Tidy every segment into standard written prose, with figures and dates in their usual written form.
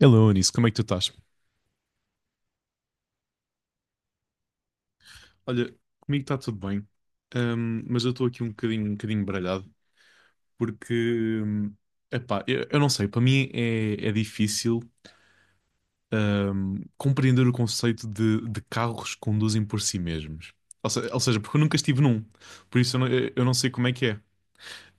Hello, Anis, como é que tu estás? Olha, comigo está tudo bem, mas eu estou aqui um bocadinho baralhado, porque, hum, epá, eu não sei, para mim é difícil, compreender o conceito de carros que conduzem por si mesmos. Ou, ou seja, porque eu nunca estive num, por isso eu não sei como é que é.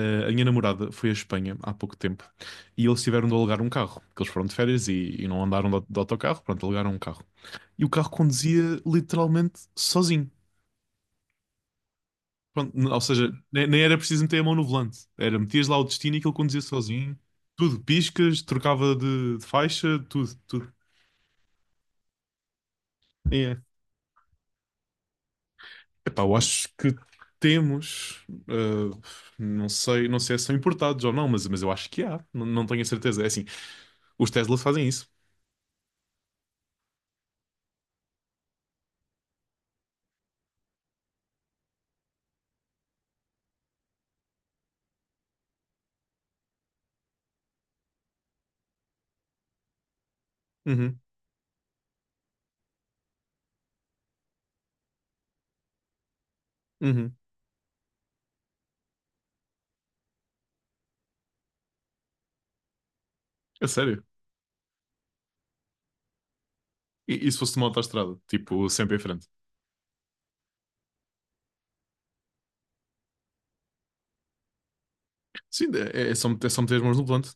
A minha namorada foi à Espanha há pouco tempo e eles tiveram de alugar um carro, porque eles foram de férias e não andaram de autocarro, pronto, alugaram um carro. E o carro conduzia literalmente sozinho. Pronto, ou seja, nem era preciso meter a mão no volante. Era metias lá o destino e aquilo conduzia sozinho. Tudo, piscas, trocava de faixa, tudo, tudo. É. Epá, eu acho que temos, não sei se são importados ou não, mas eu acho que há, não, não tenho a certeza. É assim, os Teslas fazem isso. Uhum, uhum. É sério. E se fosse uma autoestrada, tipo, sempre em frente. Sim, é só, é só meter as mãos no volante.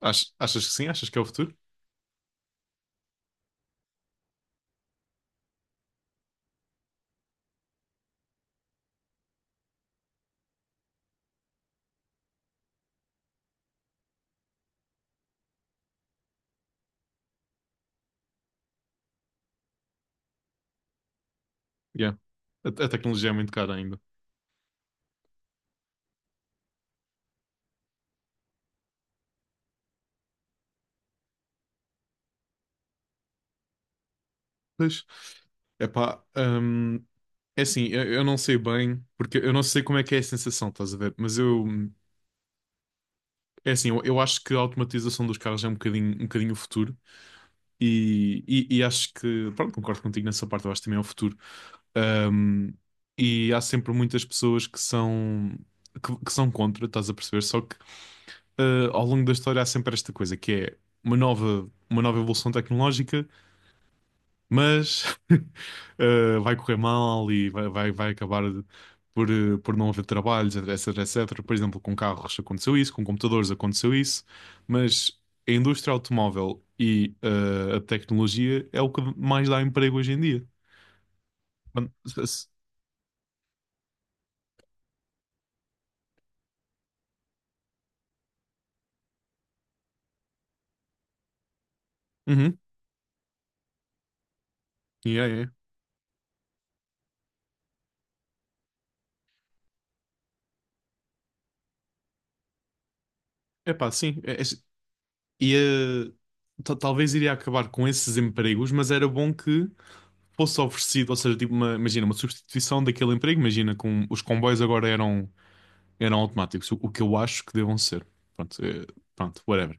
Achas que sim? Achas que é o futuro? Yeah. A tecnologia é muito cara ainda. Pois. Epá, é assim, eu não sei bem, porque eu não sei como é que é a sensação, estás a ver? Mas eu, é assim, eu acho que a automatização dos carros é um bocadinho o futuro e acho que, pronto, concordo contigo nessa parte, eu acho que também é o futuro. Hum, e há sempre muitas pessoas que são, que são contra, estás a perceber? Só que ao longo da história há sempre esta coisa, que é uma nova evolução tecnológica, mas vai correr mal e vai acabar por, por não haver trabalhos, etc, etc. Por exemplo, com carros aconteceu isso, com computadores aconteceu isso, mas a indústria automóvel e a tecnologia é o que mais dá emprego hoje em dia. Mano. Uhum. Yeah, yeah. Epá, sim. E talvez iria acabar com esses empregos, mas era bom que fosse oferecido, ou seja, tipo imagina, uma substituição daquele emprego. Imagina, com os comboios agora eram automáticos, o que eu acho que devam ser. Pronto, pronto whatever.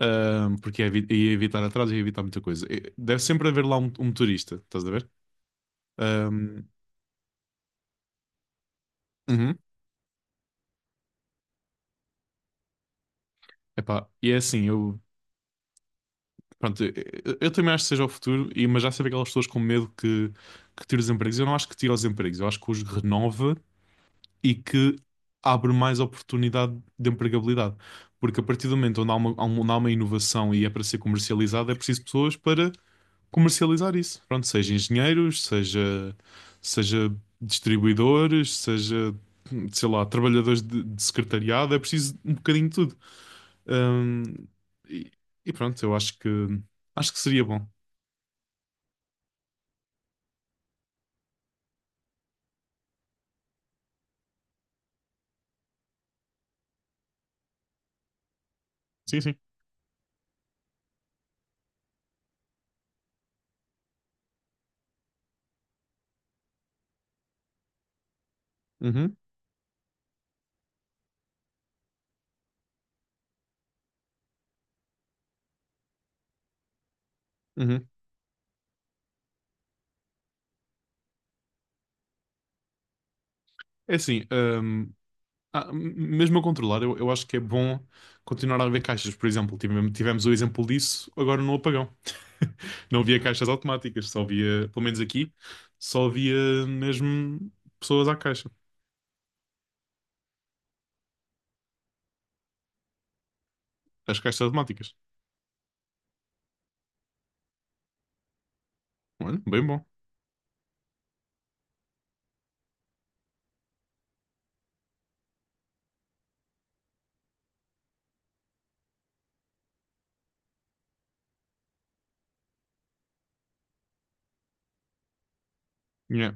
Porque ia, ia evitar atrasos, ia evitar muita coisa. Deve sempre haver lá um motorista, estás a ver? Ahm, uhum. Epá, e é assim, eu, pronto, eu também acho que seja o futuro, e, mas já sabia aquelas pessoas com medo que, tira os empregos. Eu não acho que tira os empregos, eu acho que os renova e que abre mais oportunidade de empregabilidade. Porque a partir do momento onde há uma, onde há uma inovação e é para ser comercializada, é preciso pessoas para comercializar isso. Pronto, seja engenheiros, seja distribuidores, seja, sei lá, trabalhadores de secretariado, é preciso um bocadinho de tudo. Hum, e, e pronto, eu acho que seria bom. Sim, sim. Uhum, uhum. É assim, ah, mesmo a controlar, eu acho que é bom continuar a haver caixas, por exemplo. Tivemos o exemplo disso agora no apagão. Não havia caixas automáticas, só havia, pelo menos aqui, só havia mesmo pessoas à caixa, as caixas automáticas. Olha, bem bom. Yeah.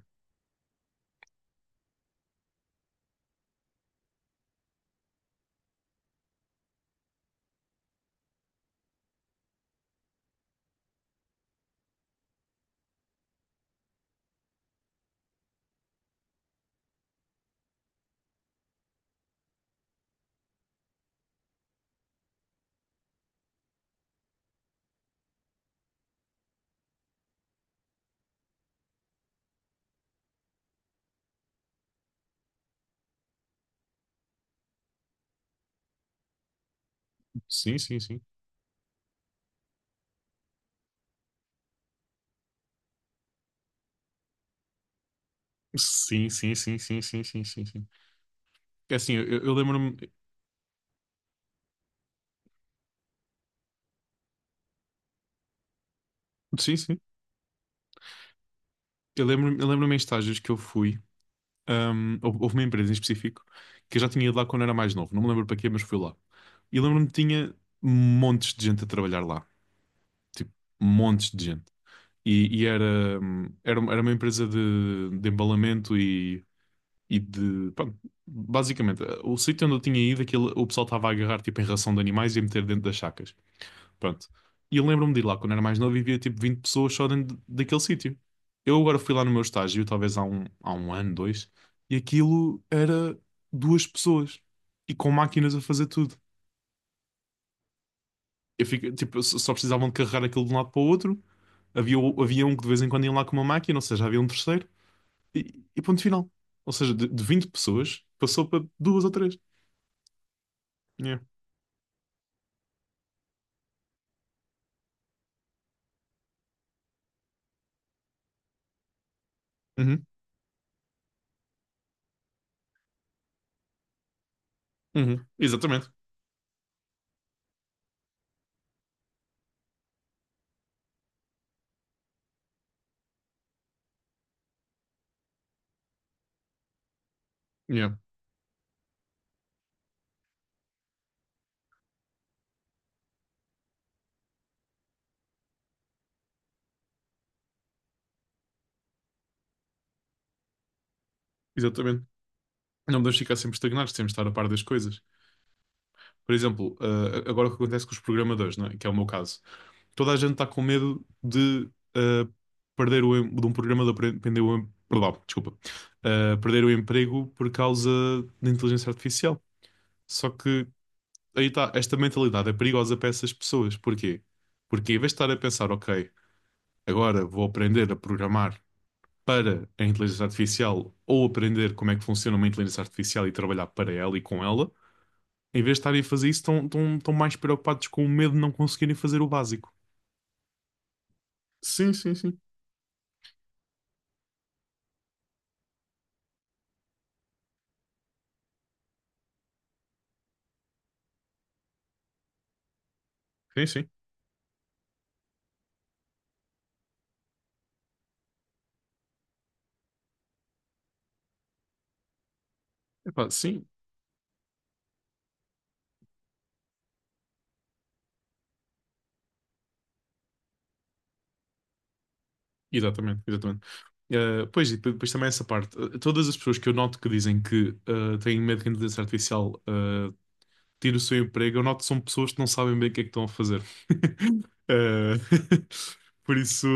Sim, sim, sim. Sim, sim, sim, sim, sim, sim, sim, sim. É assim, eu lembro-me. Sim, sim. Eu lembro-me em estágios que eu fui. Houve uma empresa em específico que eu já tinha ido lá quando era mais novo, não me lembro para quê, mas fui lá. E lembro-me que tinha montes de gente a trabalhar lá, tipo, montes de gente. E era uma empresa de embalamento e basicamente, o sítio onde eu tinha ido, aquilo, o pessoal estava a agarrar tipo, em ração de animais e a meter dentro das sacas. Pronto. E eu lembro-me de ir lá quando era mais novo e via tipo 20 pessoas só dentro daquele sítio. Eu agora fui lá no meu estágio, talvez há um ano, dois, e aquilo era duas pessoas e com máquinas a fazer tudo. Eu fico, tipo, só precisavam de carregar aquilo de um lado para o outro. Havia, havia um que de vez em quando ia lá com uma máquina, ou seja, havia um terceiro, e, e ponto final. Ou seja, de 20 pessoas passou para duas ou três. Yeah. Uhum, uhum. Exatamente. Yeah, exatamente. Não podemos ficar sempre estagnados, temos de estar a par das coisas. Por exemplo, agora o que acontece com os programadores, não é? Que é o meu caso. Toda a gente está com medo de eh, perdão, desculpa. Perder o emprego por causa da inteligência artificial. Só que aí está, esta mentalidade é perigosa para essas pessoas. Porquê? Porque em vez de estar a pensar, ok, agora vou aprender a programar para a inteligência artificial ou aprender como é que funciona uma inteligência artificial e trabalhar para ela e com ela, em vez de estarem a fazer isso, estão mais preocupados com o medo de não conseguirem fazer o básico. Sim, sim, sim. Sim, sim. Epá, sim, exatamente, exatamente. Pois, e depois, também essa parte. Todas as pessoas que eu noto que dizem que têm medo que a inteligência artificial tire o seu emprego, eu noto que são pessoas que não sabem bem o que é que estão a fazer. Eh, por isso,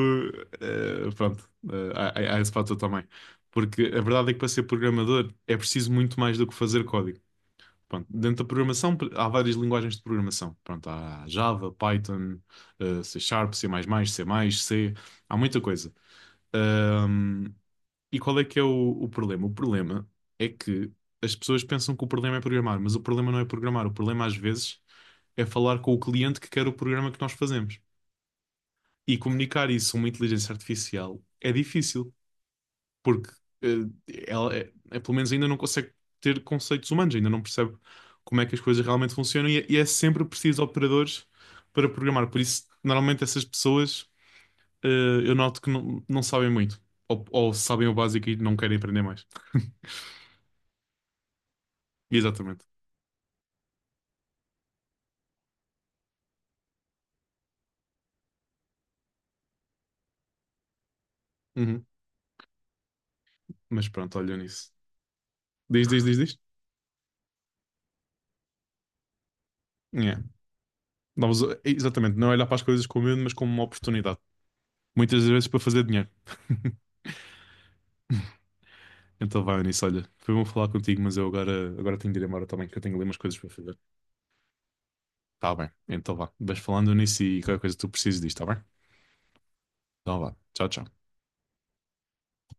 pronto, há esse fator também. Porque a verdade é que para ser programador é preciso muito mais do que fazer código. Pronto, dentro da programação há várias linguagens de programação. Pronto, há Java, Python, C Sharp, C++, C, há muita coisa. Ahm, e qual é que é o problema? O problema é que as pessoas pensam que o problema é programar, mas o problema não é programar. O problema às vezes é falar com o cliente que quer o programa que nós fazemos. E comunicar isso a uma inteligência artificial é difícil porque eh, ela, pelo menos ainda não consegue ter conceitos humanos, ainda não percebe como é que as coisas realmente funcionam e é sempre preciso de operadores para programar. Por isso, normalmente essas pessoas eh, eu noto que não sabem muito, ou sabem o básico e não querem aprender mais. Exatamente. Uhum. Mas pronto, olham nisso. Diz, diz, diz, diz. Yeah. Não, mas, exatamente, não é olhar para as coisas com medo, mas como uma oportunidade. Muitas vezes para fazer dinheiro. Então vai, Eunice, olha, foi bom falar contigo, mas eu agora tenho de ir embora também, que eu tenho ali umas coisas para fazer. Tá bem, então vá. Vais falando, Eunice, e qualquer coisa que tu precises disto, tá bem? Então vá, tchau, tchau.